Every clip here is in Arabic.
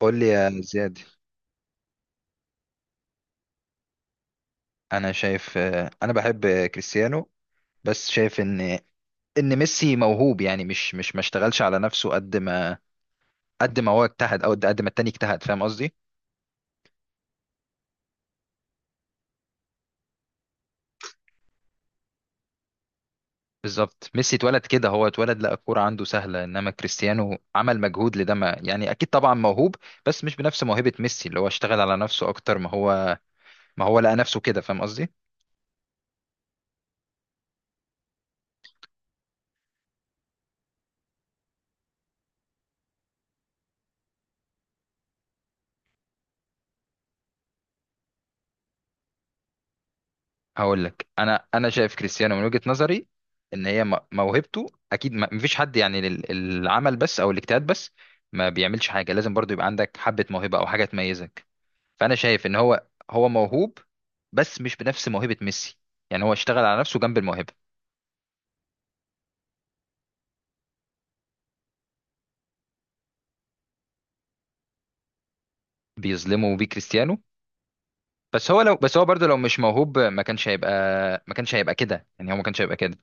قول لي يا زياد. انا شايف، انا بحب كريستيانو. بس شايف ان ميسي موهوب. يعني مش مش ما اشتغلش على نفسه قد ما هو اجتهد او قد ما التاني اجتهد، فاهم قصدي؟ بالظبط، ميسي اتولد كده، هو اتولد لقى الكوره عنده سهله، انما كريستيانو عمل مجهود لده، ما يعني اكيد طبعا موهوب بس مش بنفس موهبه ميسي، اللي هو اشتغل على نفسه اكتر ما هو لقى نفسه كده، فاهم قصدي. هقول لك، انا شايف كريستيانو من وجهة نظري ان هي موهبته اكيد، ما مفيش حد يعني العمل بس او الاجتهاد بس ما بيعملش حاجه، لازم برضو يبقى عندك حبه موهبه او حاجه تميزك. فانا شايف ان هو موهوب بس مش بنفس موهبه ميسي، يعني هو اشتغل على نفسه جنب الموهبه. بيظلمه بيه كريستيانو. بس هو برضو لو مش موهوب ما كانش هيبقى كده، يعني هو ما كانش هيبقى كده.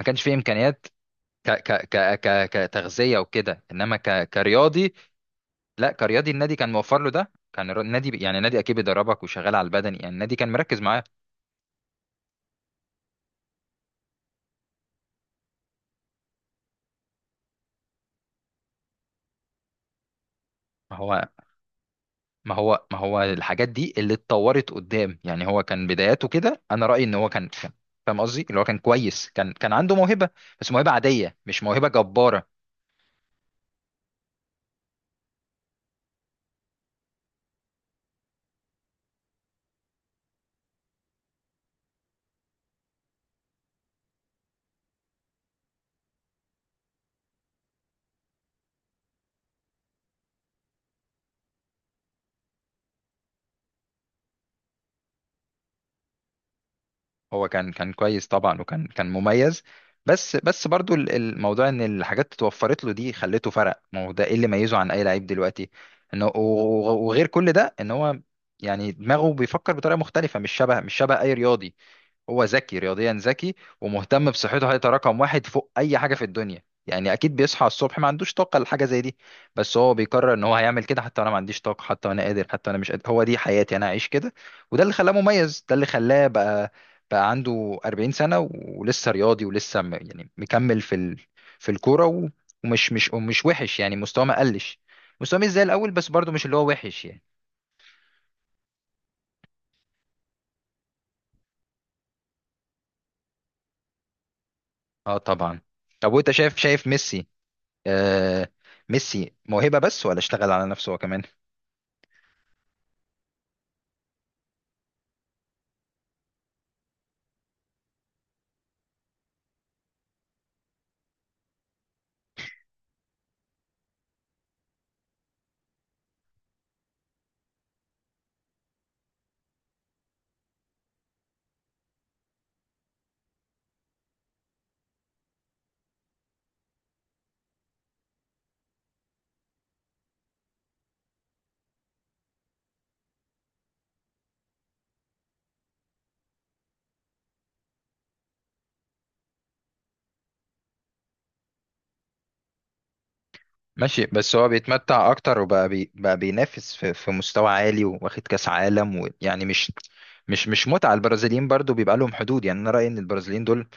ما كانش فيه امكانيات كتغذيه وكده، انما كرياضي لا، كرياضي النادي كان موفر له، ده كان النادي يعني النادي اكيد بيدربك وشغال على البدني، يعني النادي كان مركز معاه. ما هو ما هو الحاجات دي اللي اتطورت قدام، يعني هو كان بداياته كده. انا رأيي ان هو كان فاهم قصدي، اللي هو كان كويس، كان عنده موهبة، بس موهبة عادية مش موهبة جبارة. هو كان كويس طبعا، وكان مميز. بس برضو الموضوع ان الحاجات اتوفرت له دي خلته فرق، ما هو ده ايه اللي ميزه عن اي لعيب دلوقتي؟ انه وغير كل ده ان هو يعني دماغه بيفكر بطريقه مختلفه، مش شبه اي رياضي. هو ذكي، رياضيا ذكي، ومهتم بصحته. هيبقى رقم واحد فوق اي حاجه في الدنيا، يعني اكيد بيصحى الصبح ما عندوش طاقه لحاجه زي دي، بس هو بيقرر ان هو هيعمل كده. حتى انا ما عنديش طاقه، حتى انا قادر، حتى انا مش قادر، هو دي حياتي، انا هعيش كده. وده اللي خلاه مميز، ده اللي خلاه بقى بقى عنده 40 سنه ولسه رياضي، يعني مكمل في ال... في الكوره، و... ومش مش ومش وحش، يعني مستواه ما قلش. مستواه مش زي الاول، بس برضه مش اللي هو وحش يعني. اه طبعا. طب وانت، شايف ميسي آه ميسي موهبة بس ولا اشتغل على نفسه هو كمان؟ ماشي، بس هو بيتمتع اكتر وبقى بقى بينافس في مستوى عالي واخد كاس عالم، ويعني مش متعة البرازيليين، برضو بيبقى لهم حدود. يعني انا رأيي ان البرازيليين دول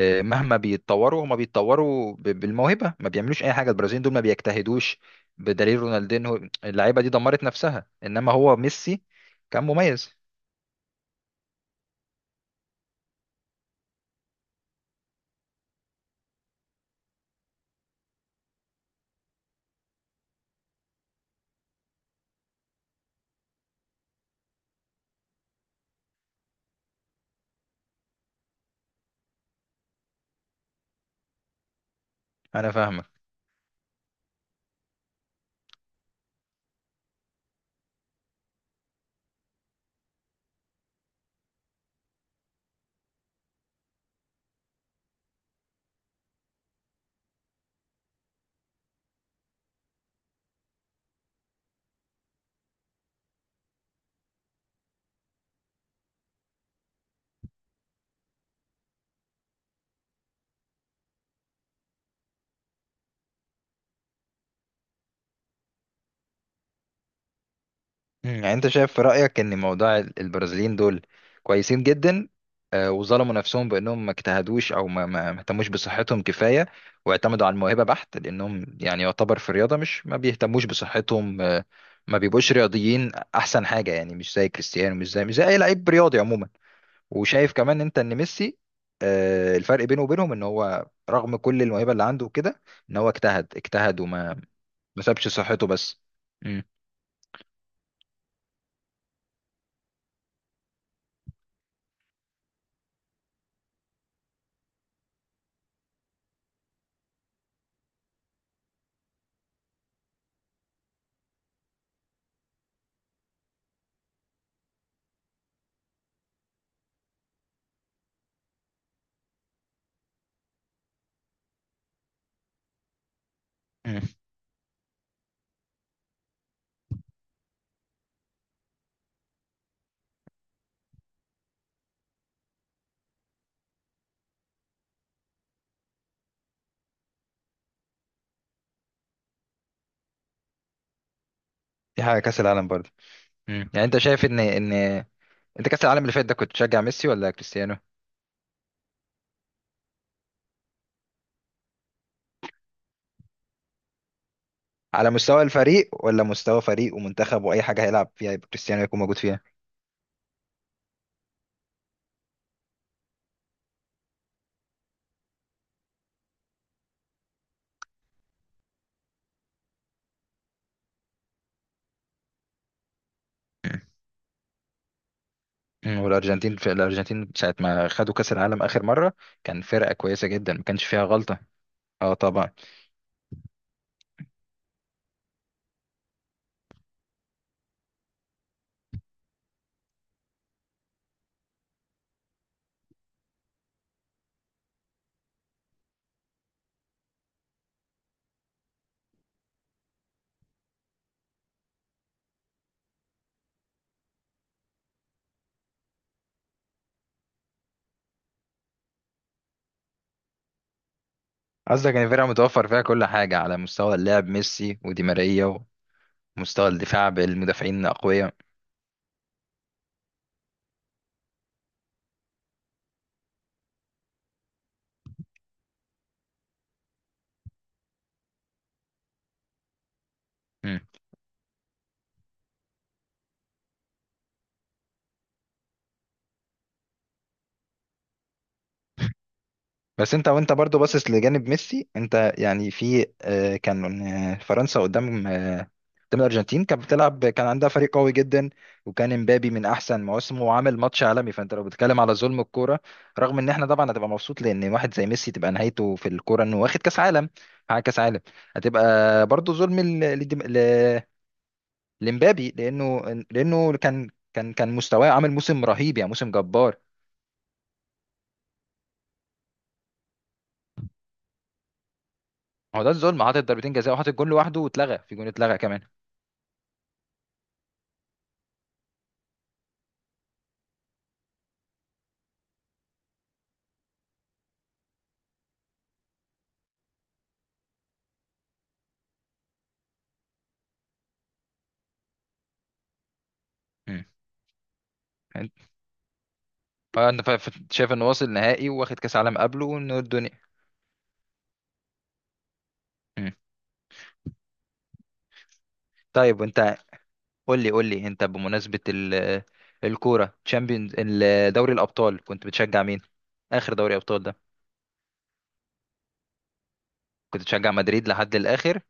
مهما بيتطوروا هما بيتطوروا بالموهبة، ما بيعملوش اي حاجة. البرازيليين دول ما بيجتهدوش، بدليل رونالدينو، اللعيبة دي دمرت نفسها. انما هو ميسي كان مميز. انا فاهمك. مم، يعني انت شايف في رأيك ان موضوع البرازيليين دول كويسين جدا، وظلموا نفسهم بانهم ما اجتهدوش او ما اهتموش بصحتهم كفايه، واعتمدوا على الموهبه بحت، لانهم يعني يعتبر في الرياضه، مش ما بيهتموش بصحتهم، ما بيبقوش رياضيين احسن حاجه، يعني مش زي كريستيانو، مش زي مش زي اي لعيب رياضي عموما. وشايف كمان انت ان ميسي الفرق بينه وبينهم ان هو رغم كل الموهبه اللي عنده وكده، ان هو اجتهد وما ما سابش صحته بس. مم. مم. دي حاجه كاس العالم برضه. يعني انت شايف ان ان انت كاس العالم اللي فات ده كنت تشجع ميسي ولا كريستيانو؟ على مستوى الفريق ولا مستوى فريق ومنتخب؟ واي حاجه هيلعب فيها يبقى كريستيانو يكون موجود فيها. والارجنتين، في الارجنتين ساعه ما خدوا كاس العالم اخر مره، كان فرقه كويسه جدا ما كانش فيها غلطه. اه طبعا. قصدك ان الفرقه متوفر فيها كل حاجه على مستوى اللعب، ميسي ودي ماريا، ومستوى الدفاع بالمدافعين الاقوياء. بس انت وانت برضو باصص لجانب ميسي انت، يعني في كان فرنسا قدام قدام الارجنتين كانت بتلعب، كان عندها فريق قوي جدا، وكان امبابي من احسن مواسمه وعامل ماتش عالمي. فانت لو بتتكلم على ظلم الكوره، رغم ان احنا طبعا هتبقى مبسوط لان واحد زي ميسي تبقى نهايته في الكوره انه واخد كاس عالم، حقق كاس عالم، هتبقى برضو ظلم لامبابي، لانه لانه كان مستواه عامل موسم رهيب، يعني موسم جبار. هو ده الظلم، حاطط ضربتين جزاء وحاطط جول لوحده واتلغى، في جون اتلغى كمان. انت اه انا شايف انه واصل نهائي واخد كاس عالم قبله وانه الدنيا. مم. طيب وانت، قول لي قول لي انت بمناسبه الكوره تشامبيونز، دوري الابطال كنت بتشجع مين اخر دوري ابطال ده؟ كنت بتشجع مدريد لحد الاخر؟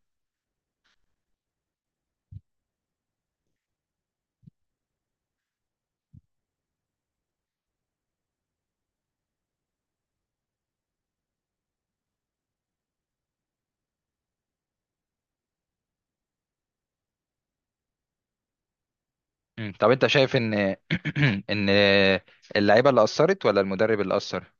طب انت شايف ان ان اللعيبه اللي اثرت ولا المدرب اللي اثر؟